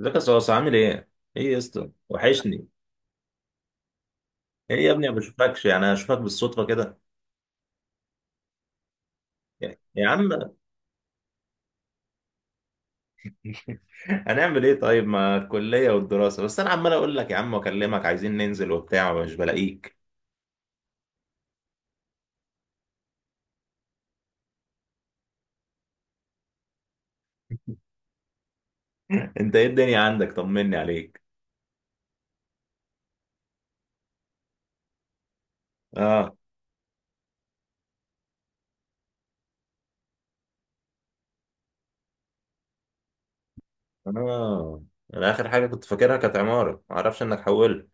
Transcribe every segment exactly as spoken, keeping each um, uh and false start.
ازيك يا صوص؟ عامل ايه؟ ايه يا اسطى؟ وحشني. ايه يا ابني، ما بشوفكش، يعني اشوفك بالصدفة كده. يا يا عم. هنعمل ايه طيب مع الكلية والدراسة؟ بس انا عمال اقول لك يا عم واكلمك، عايزين ننزل وبتاع ومش بلاقيك. انت ايه الدنيا عندك؟ طمني عليك. اه اه، انا اخر حاجة كنت فاكرها كانت عمارة، ما اعرفش انك حولت.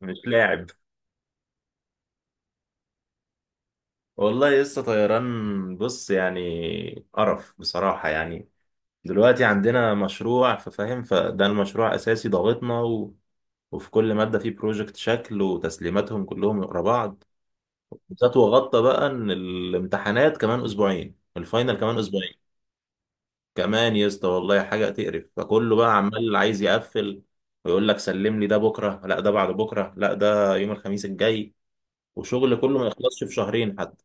مش لاعب. والله لسه طيران، بص يعني قرف بصراحة يعني. دلوقتي عندنا مشروع ففاهم، فده المشروع اساسي ضاغطنا. وفي كل مادة فيه بروجكت شكل، وتسليماتهم كلهم ورا بعض بالذات. وغطى بقى ان الامتحانات كمان اسبوعين، الفاينل كمان اسبوعين. كمان يا اسطى، والله حاجة تقرف. فكله بقى عمال عايز يقفل ويقول لك سلم لي ده بكرة، لا ده بعد بكرة، لا ده يوم الخميس الجاي. وشغل كله ما يخلصش في شهرين حتى.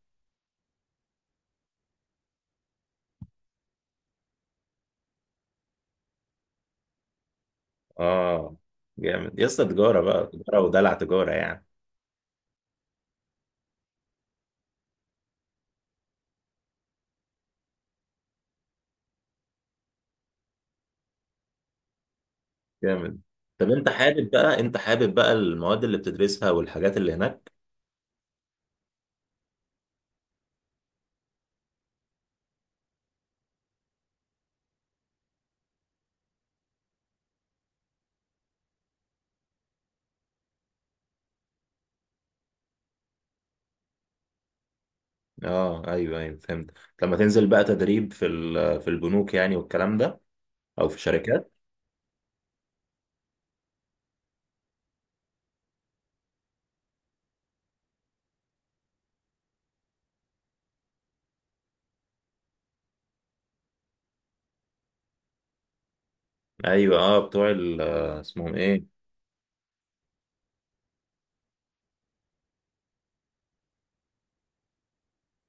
اه. جامد يا اسطى. تجارة بقى، تجارة ودلع، تجارة يعني. جامد. طب انت حابب بقى، انت حابب بقى المواد اللي بتدرسها والحاجات اللي هناك؟ اه ايوه ايوه فهمت. لما تنزل بقى تدريب في ال- في البنوك يعني والكلام ده، او في شركات. ايوه اه، بتوع ال- اسمهم ايه.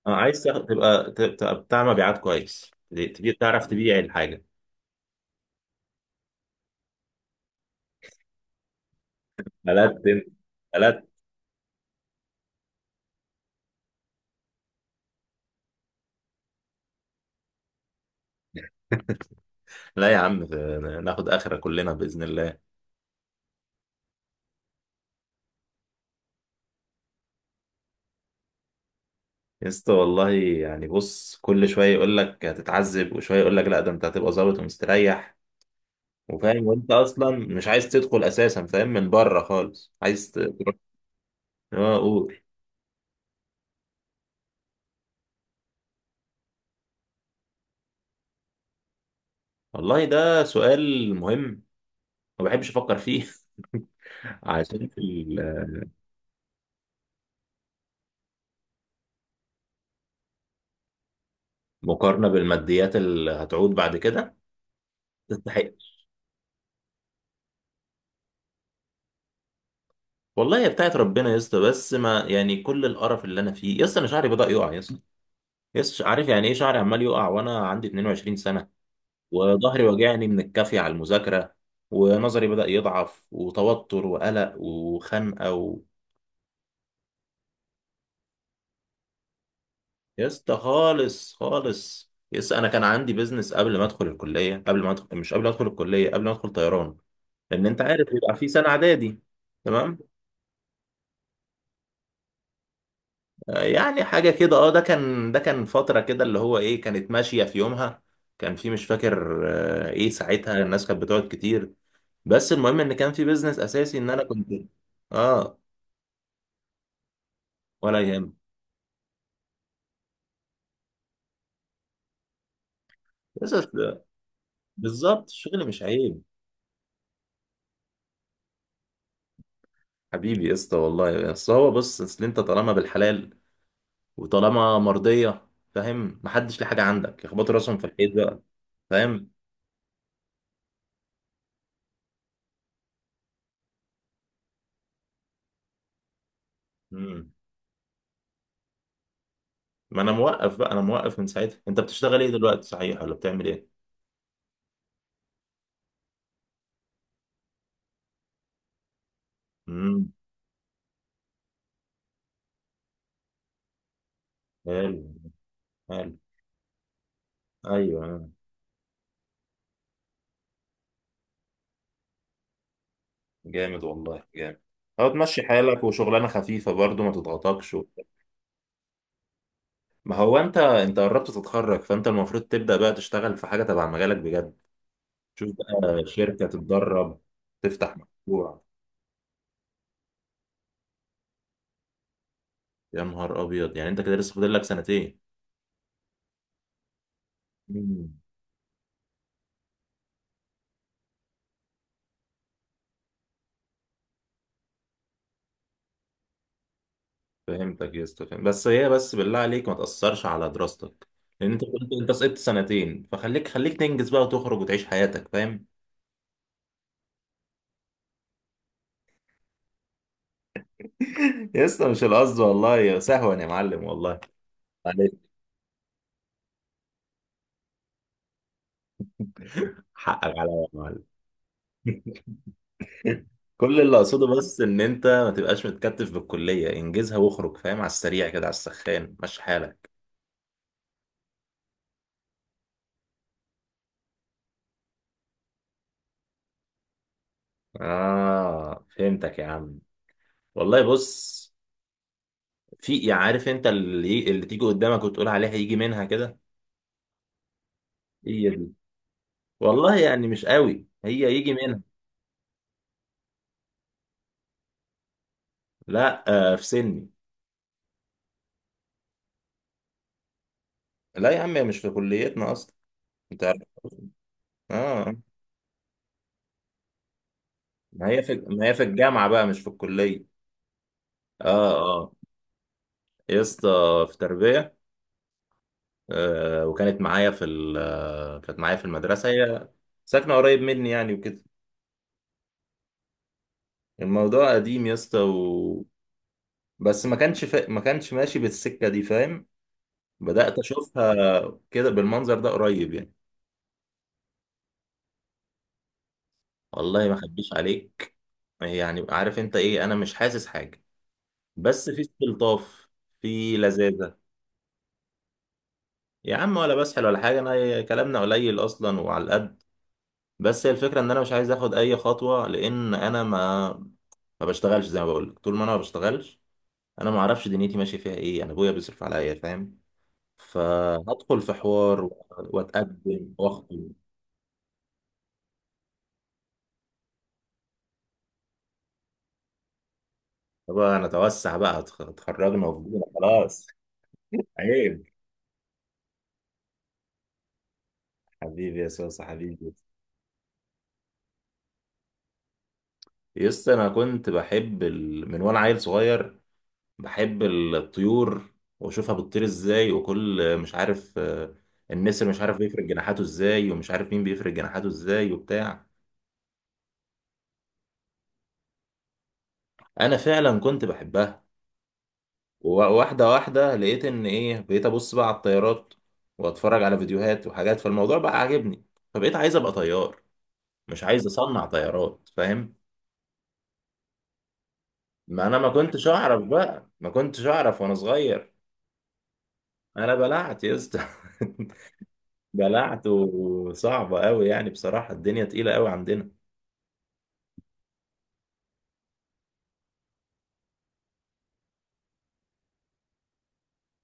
اه، عايز تاخد- تبقى تبقى بتاع مبيعات كويس، تبي تعرف تبيع الحاجه. بلد بنت، بلد. لا يا عم، ناخد اخره كلنا باذن الله. يسطا والله يعني بص، كل شويه يقول لك هتتعذب، وشويه يقول لك لا ده انت هتبقى ظابط ومستريح وفاهم، وانت اصلا مش عايز تدخل اساسا فاهم من بره خالص، عايز ت... اه قول. والله ده سؤال مهم، ما بحبش افكر فيه. عشان في المقارنه بالماديات اللي هتعود بعد كده، تستحق. والله هي بتاعت ربنا يا اسطى، بس ما يعني كل القرف اللي انا فيه يا اسطى. انا شعري بدأ يقع يا اسطى. يا اسطى عارف يعني ايه شعري عمال يقع وانا عندي اتنين وعشرين سنة سنه. وظهري واجعني من الكافي على المذاكره، ونظري بدأ يضعف، وتوتر وقلق وخنقه و... يا اسطى خالص خالص، يس. انا كان عندي بيزنس قبل ما ادخل الكليه، قبل ما ادخل، مش قبل ما ادخل الكليه، قبل ما ادخل طيران. لان انت عارف بيبقى في سنه اعدادي، تمام. آه، يعني حاجه كده، اه. ده كان، ده كان فتره كده اللي هو ايه، كانت ماشيه في يومها. كان في، مش فاكر. آه، ايه ساعتها الناس كانت بتقعد كتير. بس المهم ان كان في بيزنس اساسي ان انا كنت. اه. ولا يهم. بس أصل- بالظبط، الشغل مش عيب. حبيبي يا اسطى والله. بس هو بص، اصل انت طالما بالحلال وطالما مرضيه فاهم، محدش ليه حاجه عندك، يخبطوا راسهم في الحيط بقى. فاهم. مم. ما انا موقف بقى، انا موقف من ساعتها. انت بتشتغل ايه دلوقتي صحيح؟ ولا بتعمل ايه؟ امم. حلو حلو. ايوه آه. جامد والله، جامد. هو تمشي حالك، وشغلانه خفيفه برضو ما تضغطكش وبتاع. ما هو انت انت قربت تتخرج، فانت المفروض تبدا بقى تشتغل في حاجه تبع مجالك بجد. تشوف بقى شركه تتدرب، تفتح مشروع. يا نهار ابيض، يعني انت كده لسه فاضل لك سنتين. مم. فهمتك يا اسطى، فاهم. بس هي بس بالله عليك ما تأثرش على دراستك، لأن أنت قلت أنت سقطت سنتين، فخليك، خليك تنجز بقى وتخرج وتعيش حياتك، فاهم. يا اسطى مش القصد والله، يا سهوا يا معلم والله، عليك، حقك عليا يا معلم. كل اللي أقصده بس إن أنت ما تبقاش متكتف بالكلية، انجزها واخرج، فاهم، على السريع كده، على السخان مش حالك. آه فهمتك يا عم. والله بص، في، عارف أنت اللي اللي تيجي قدامك وتقول عليها يجي منها، كده. والله يعني مش قوي، هي يجي منها. لا. آه في سني. لا يا عم، هي مش في كليتنا اصلا، انت عارف. اه. ما هي في، ما هي في الجامعه بقى مش في الكليه. اه. اه يا اسطى، في تربيه. آه، وكانت معايا في ال آه، كانت معايا في المدرسه هي، ساكنه قريب مني يعني وكده. الموضوع قديم يا اسطى و... بس ما كانش ف... ما كانش ماشي بالسكه دي، فاهم. بدات اشوفها كده بالمنظر ده قريب يعني. والله ما اخبيش عليك، يعني عارف انت ايه؟ انا مش حاسس حاجه، بس في استلطاف، في لذاذة. يا عم ولا بسحل ولا حاجة، أنا كلامنا قليل أصلا وعلى القد. بس هي الفكرة إن أنا مش عايز آخد أي خطوة، لأن أنا ما، ما بشتغلش زي ما بقول لك. طول ما أنا ما بشتغلش، أنا ما أعرفش دنيتي ماشية فيها إيه. أنا أبويا بيصرف عليا فاهم، فهدخل في حوار و- وأتقدم وأخطب. طبعا أنا أتوسع بقى، اتخ- اتخرجنا وفضلنا خلاص. عيب. حبيبي يا سوسة، حبيبي. يس، أنا كنت بحب ال... من وأنا عيل صغير، بحب الطيور واشوفها بتطير ازاي، وكل مش عارف، آه، النسر مش عارف بيفرد جناحاته ازاي، ومش عارف مين بيفرد جناحاته ازاي وبتاع. انا فعلا كنت بحبها. وواحده واحده لقيت ان ايه، بقيت ابص بقى على الطيارات، واتفرج على فيديوهات وحاجات، فالموضوع بقى عاجبني. فبقيت عايز ابقى طيار، مش عايز اصنع طيارات فاهم. ما انا ما كنتش اعرف بقى، ما كنتش اعرف وانا صغير. انا بلعت يا اسطى. بلعت وصعبه قوي يعني بصراحه، الدنيا تقيله قوي عندنا.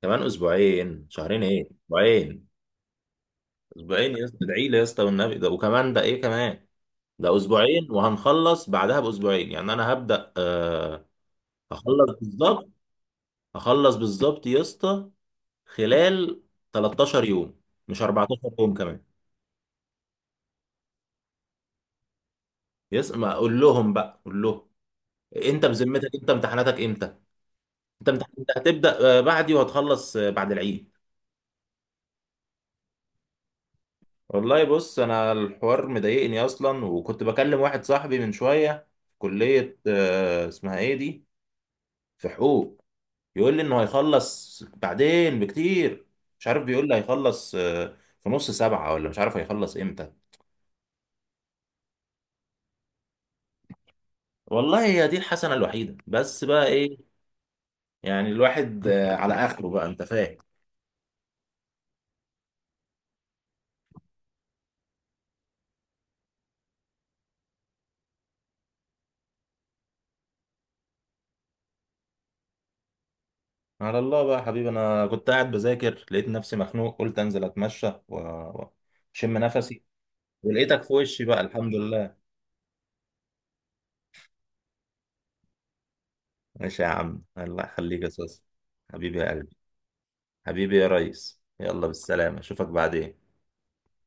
كمان اسبوعين، شهرين ايه، اسبوعين. اسبوعين يا اسطى، ادعي لي يا اسطى والنبي. ده وكمان ده ايه كمان، ده اسبوعين وهنخلص بعدها باسبوعين، يعني انا هبدأ آه. هخلص بالظبط، هخلص بالظبط يا اسطى، خلال 13 يوم، مش 14 يوم كمان. يس، ما اقول لهم بقى، قول لهم. انت بذمتك انت امتحاناتك امتى؟ انت امتحاناتك هتبدأ آه، بعدي، وهتخلص آه، بعد العيد. والله بص، انا الحوار مضايقني اصلا. وكنت بكلم واحد صاحبي من شويه في كليه آه، اسمها ايه دي، في حقوق. يقول لي انه هيخلص بعدين بكتير، مش عارف بيقول لي هيخلص آه، في نص سبعة ولا مش عارف هيخلص امتى. والله هي دي الحسنه الوحيده بس بقى ايه. يعني الواحد آه، على اخره بقى، انت فاهم. على الله بقى يا حبيبي، انا كنت قاعد بذاكر لقيت نفسي مخنوق، قلت انزل اتمشى و- واشم نفسي، ولقيتك في وشي بقى، الحمد لله. ماشي يا عم، الله يخليك يا صوص. حبيبي يا قلبي. حبيبي يا ريس، يلا بالسلامة اشوفك بعدين.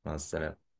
مع السلامة.